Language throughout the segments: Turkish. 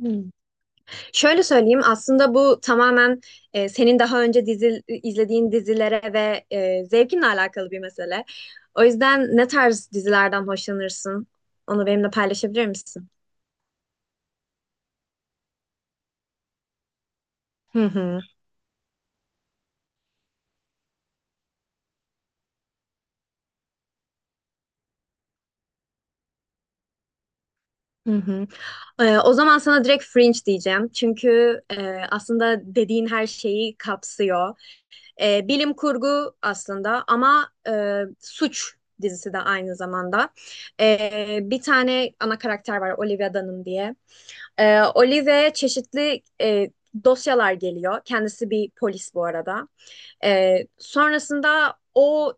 Hmm. Şöyle söyleyeyim, aslında bu tamamen senin daha önce izlediğin dizilere ve zevkinle alakalı bir mesele. O yüzden ne tarz dizilerden hoşlanırsın? Onu benimle paylaşabilir misin? Hı hı. Hı hı. O zaman sana direkt Fringe diyeceğim. Çünkü aslında dediğin her şeyi kapsıyor. Bilim kurgu aslında, ama suç dizisi de aynı zamanda. Bir tane ana karakter var, Olivia Dunham diye. Olivia'ya çeşitli dosyalar geliyor. Kendisi bir polis bu arada. Sonrasında o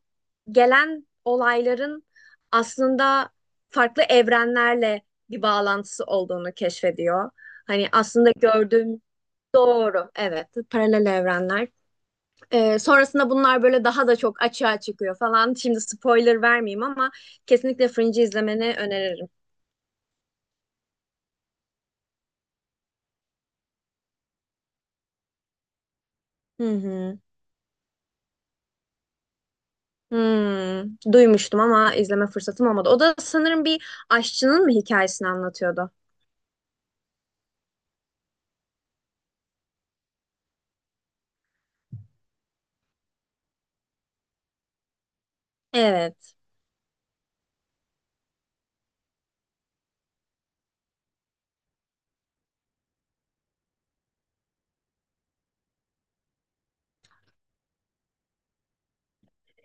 gelen olayların aslında farklı evrenlerle bir bağlantısı olduğunu keşfediyor. Hani aslında gördüğüm doğru, evet, paralel evrenler. Sonrasında bunlar böyle daha da çok açığa çıkıyor falan. Şimdi spoiler vermeyeyim, ama kesinlikle Fringe'i izlemeni öneririm. Hı hı. Hmm. Duymuştum ama izleme fırsatım olmadı. O da sanırım bir aşçının mı hikayesini anlatıyordu? Evet.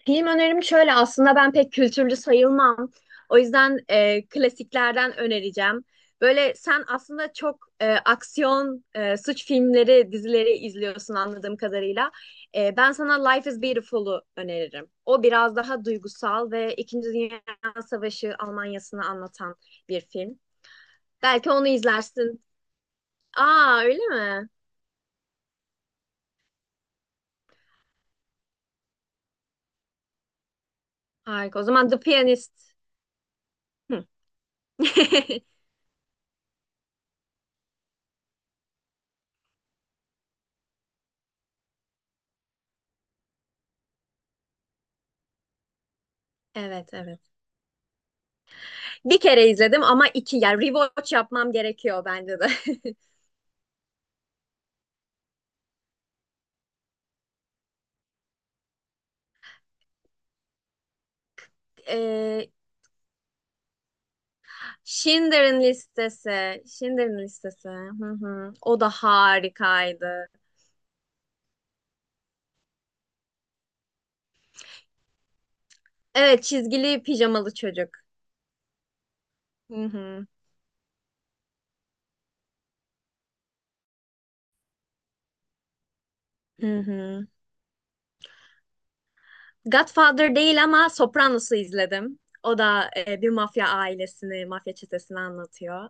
Film önerim şöyle, aslında ben pek kültürlü sayılmam. O yüzden klasiklerden önereceğim. Böyle sen aslında çok aksiyon, suç filmleri, dizileri izliyorsun anladığım kadarıyla. Ben sana Life is Beautiful'u öneririm. O biraz daha duygusal ve İkinci Dünya Savaşı Almanya'sını anlatan bir film. Belki onu izlersin. Aa, öyle mi? Harika. O zaman The Pianist. Hı. Evet, evet. Bir kere izledim, ama iki, yani rewatch yapmam gerekiyor bence de. Ee, Schindler'in listesi. Schindler'in listesi. Hı hı. O da harikaydı. Evet, çizgili pijamalı çocuk. Hı hı. Hı hı. Godfather değil, ama Sopranos'u izledim. O da bir mafya ailesini, mafya çetesini anlatıyor.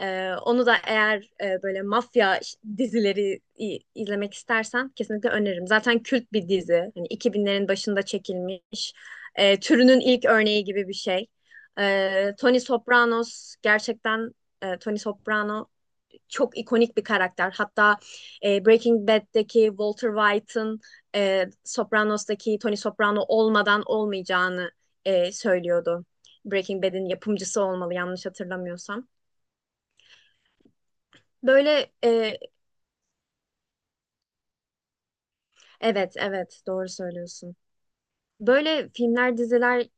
Onu da eğer böyle mafya dizileri izlemek istersen kesinlikle öneririm. Zaten kült bir dizi. Hani 2000'lerin başında çekilmiş. Türünün ilk örneği gibi bir şey. Tony Sopranos, gerçekten Tony Soprano çok ikonik bir karakter. Hatta Breaking Bad'deki Walter White'ın Sopranos'taki Tony Soprano olmadan olmayacağını söylüyordu. Breaking Bad'in yapımcısı olmalı, yanlış hatırlamıyorsam. Böyle e, evet, evet, doğru söylüyorsun. Böyle filmler, diziler,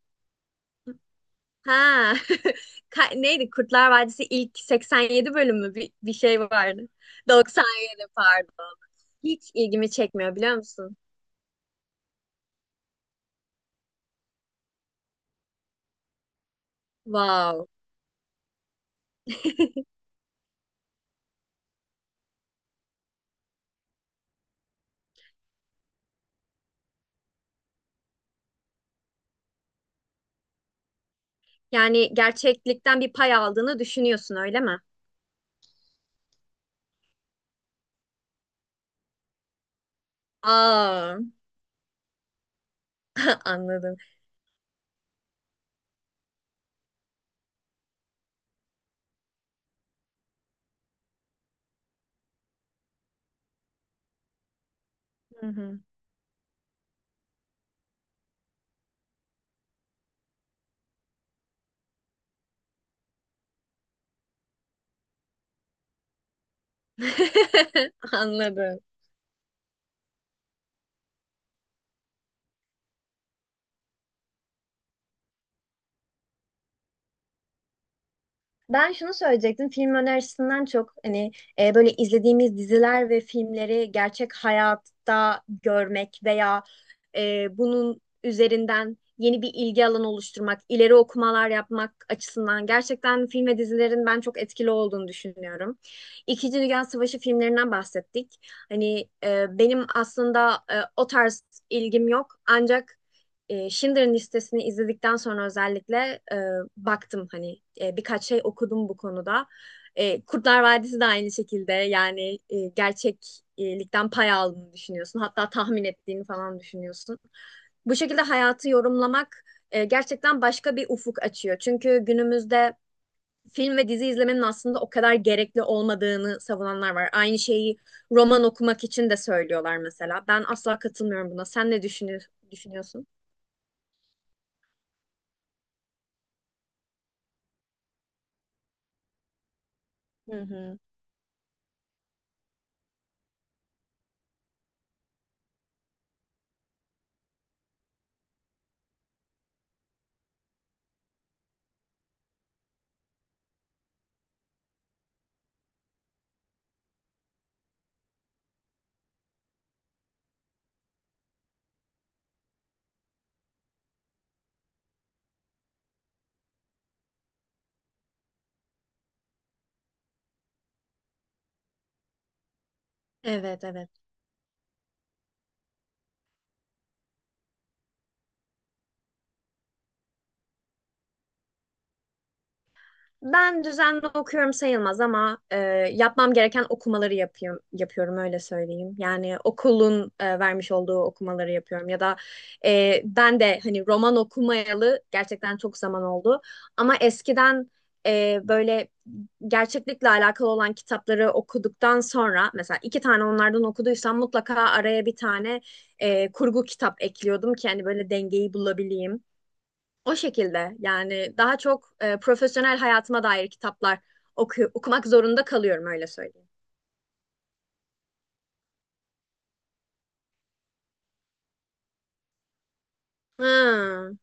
ha. Neydi Kurtlar Vadisi ilk 87 bölümü, bir şey vardı. 97, pardon. Hiç ilgimi çekmiyor, biliyor musun? Wow. Yani gerçeklikten bir pay aldığını düşünüyorsun, öyle mi? Aa, anladım. Hı hı. Anladım. Ben şunu söyleyecektim. Film önerisinden çok, hani böyle izlediğimiz diziler ve filmleri gerçek hayatta görmek veya bunun üzerinden yeni bir ilgi alanı oluşturmak, ileri okumalar yapmak açısından gerçekten film ve dizilerin ben çok etkili olduğunu düşünüyorum. İkinci Dünya Savaşı filmlerinden bahsettik. Hani benim aslında o tarz ilgim yok, ancak Schindler'ın listesini izledikten sonra özellikle e, baktım, hani birkaç şey okudum bu konuda. Kurtlar Vadisi de aynı şekilde, yani gerçeklikten pay aldığını düşünüyorsun. Hatta tahmin ettiğini falan düşünüyorsun. Bu şekilde hayatı yorumlamak gerçekten başka bir ufuk açıyor. Çünkü günümüzde film ve dizi izlemenin aslında o kadar gerekli olmadığını savunanlar var. Aynı şeyi roman okumak için de söylüyorlar mesela. Ben asla katılmıyorum buna. Sen ne düşünüyorsun? Hı hı. Evet, evet. Ben düzenli okuyorum sayılmaz, ama yapmam gereken okumaları yapıyorum, yapıyorum, öyle söyleyeyim. Yani okulun vermiş olduğu okumaları yapıyorum, ya da ben de hani roman okumayalı gerçekten çok zaman oldu. Ama eskiden böyle gerçeklikle alakalı olan kitapları okuduktan sonra, mesela iki tane onlardan okuduysam, mutlaka araya bir tane kurgu kitap ekliyordum ki hani böyle dengeyi bulabileyim. O şekilde yani daha çok profesyonel hayatıma dair kitaplar okumak zorunda kalıyorum, öyle söyleyeyim. Hmm.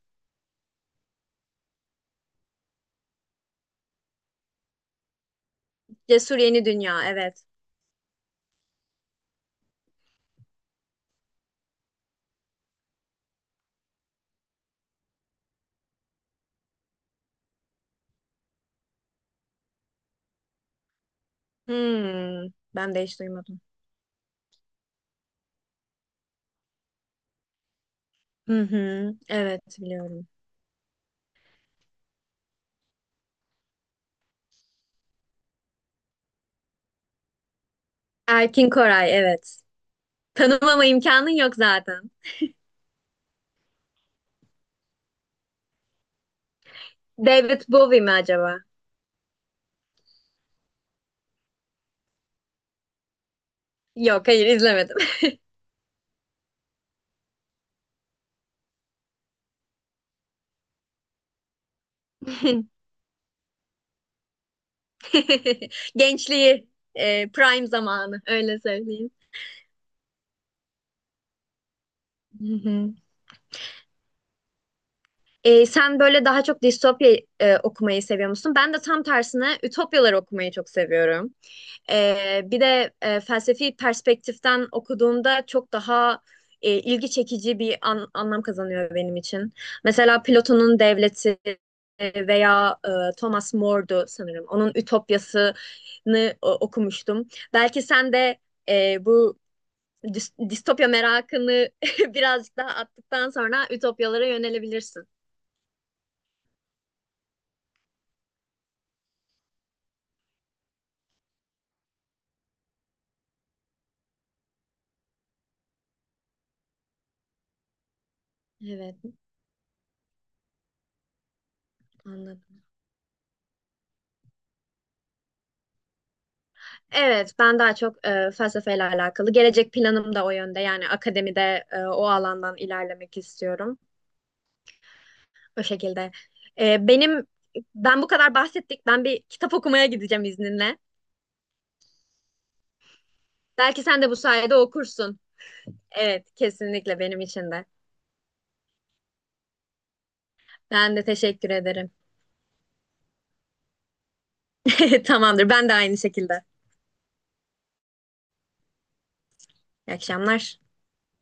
Cesur Yeni Dünya, evet. Hmm. Ben de hiç duymadım. Hı hı. Evet, biliyorum. Erkin Koray, evet. Tanımama imkanın yok zaten. David Bowie mi acaba? Yok, hayır, izlemedim. Gençliği, prime zamanı, öyle söyleyeyim. Hı hı. Sen böyle daha çok distopya okumayı seviyor musun? Ben de tam tersine ütopyaları okumayı çok seviyorum. Bir de felsefi perspektiften okuduğumda çok daha ilgi çekici bir anlam kazanıyor benim için. Mesela Platon'un Devleti, veya Thomas More'du sanırım, onun Ütopyası'nı okumuştum. Belki sen de bu distopya merakını birazcık daha attıktan sonra ütopyalara yönelebilirsin. Evet. Anladım. Evet, ben daha çok felsefeyle alakalı. Gelecek planım da o yönde. Yani akademide o alandan ilerlemek istiyorum. O şekilde. E, benim Ben bu kadar bahsettik. Ben bir kitap okumaya gideceğim, izninle. Belki sen de bu sayede okursun. Evet, kesinlikle benim için de. Ben de teşekkür ederim. Tamamdır. Ben de aynı şekilde. İyi akşamlar.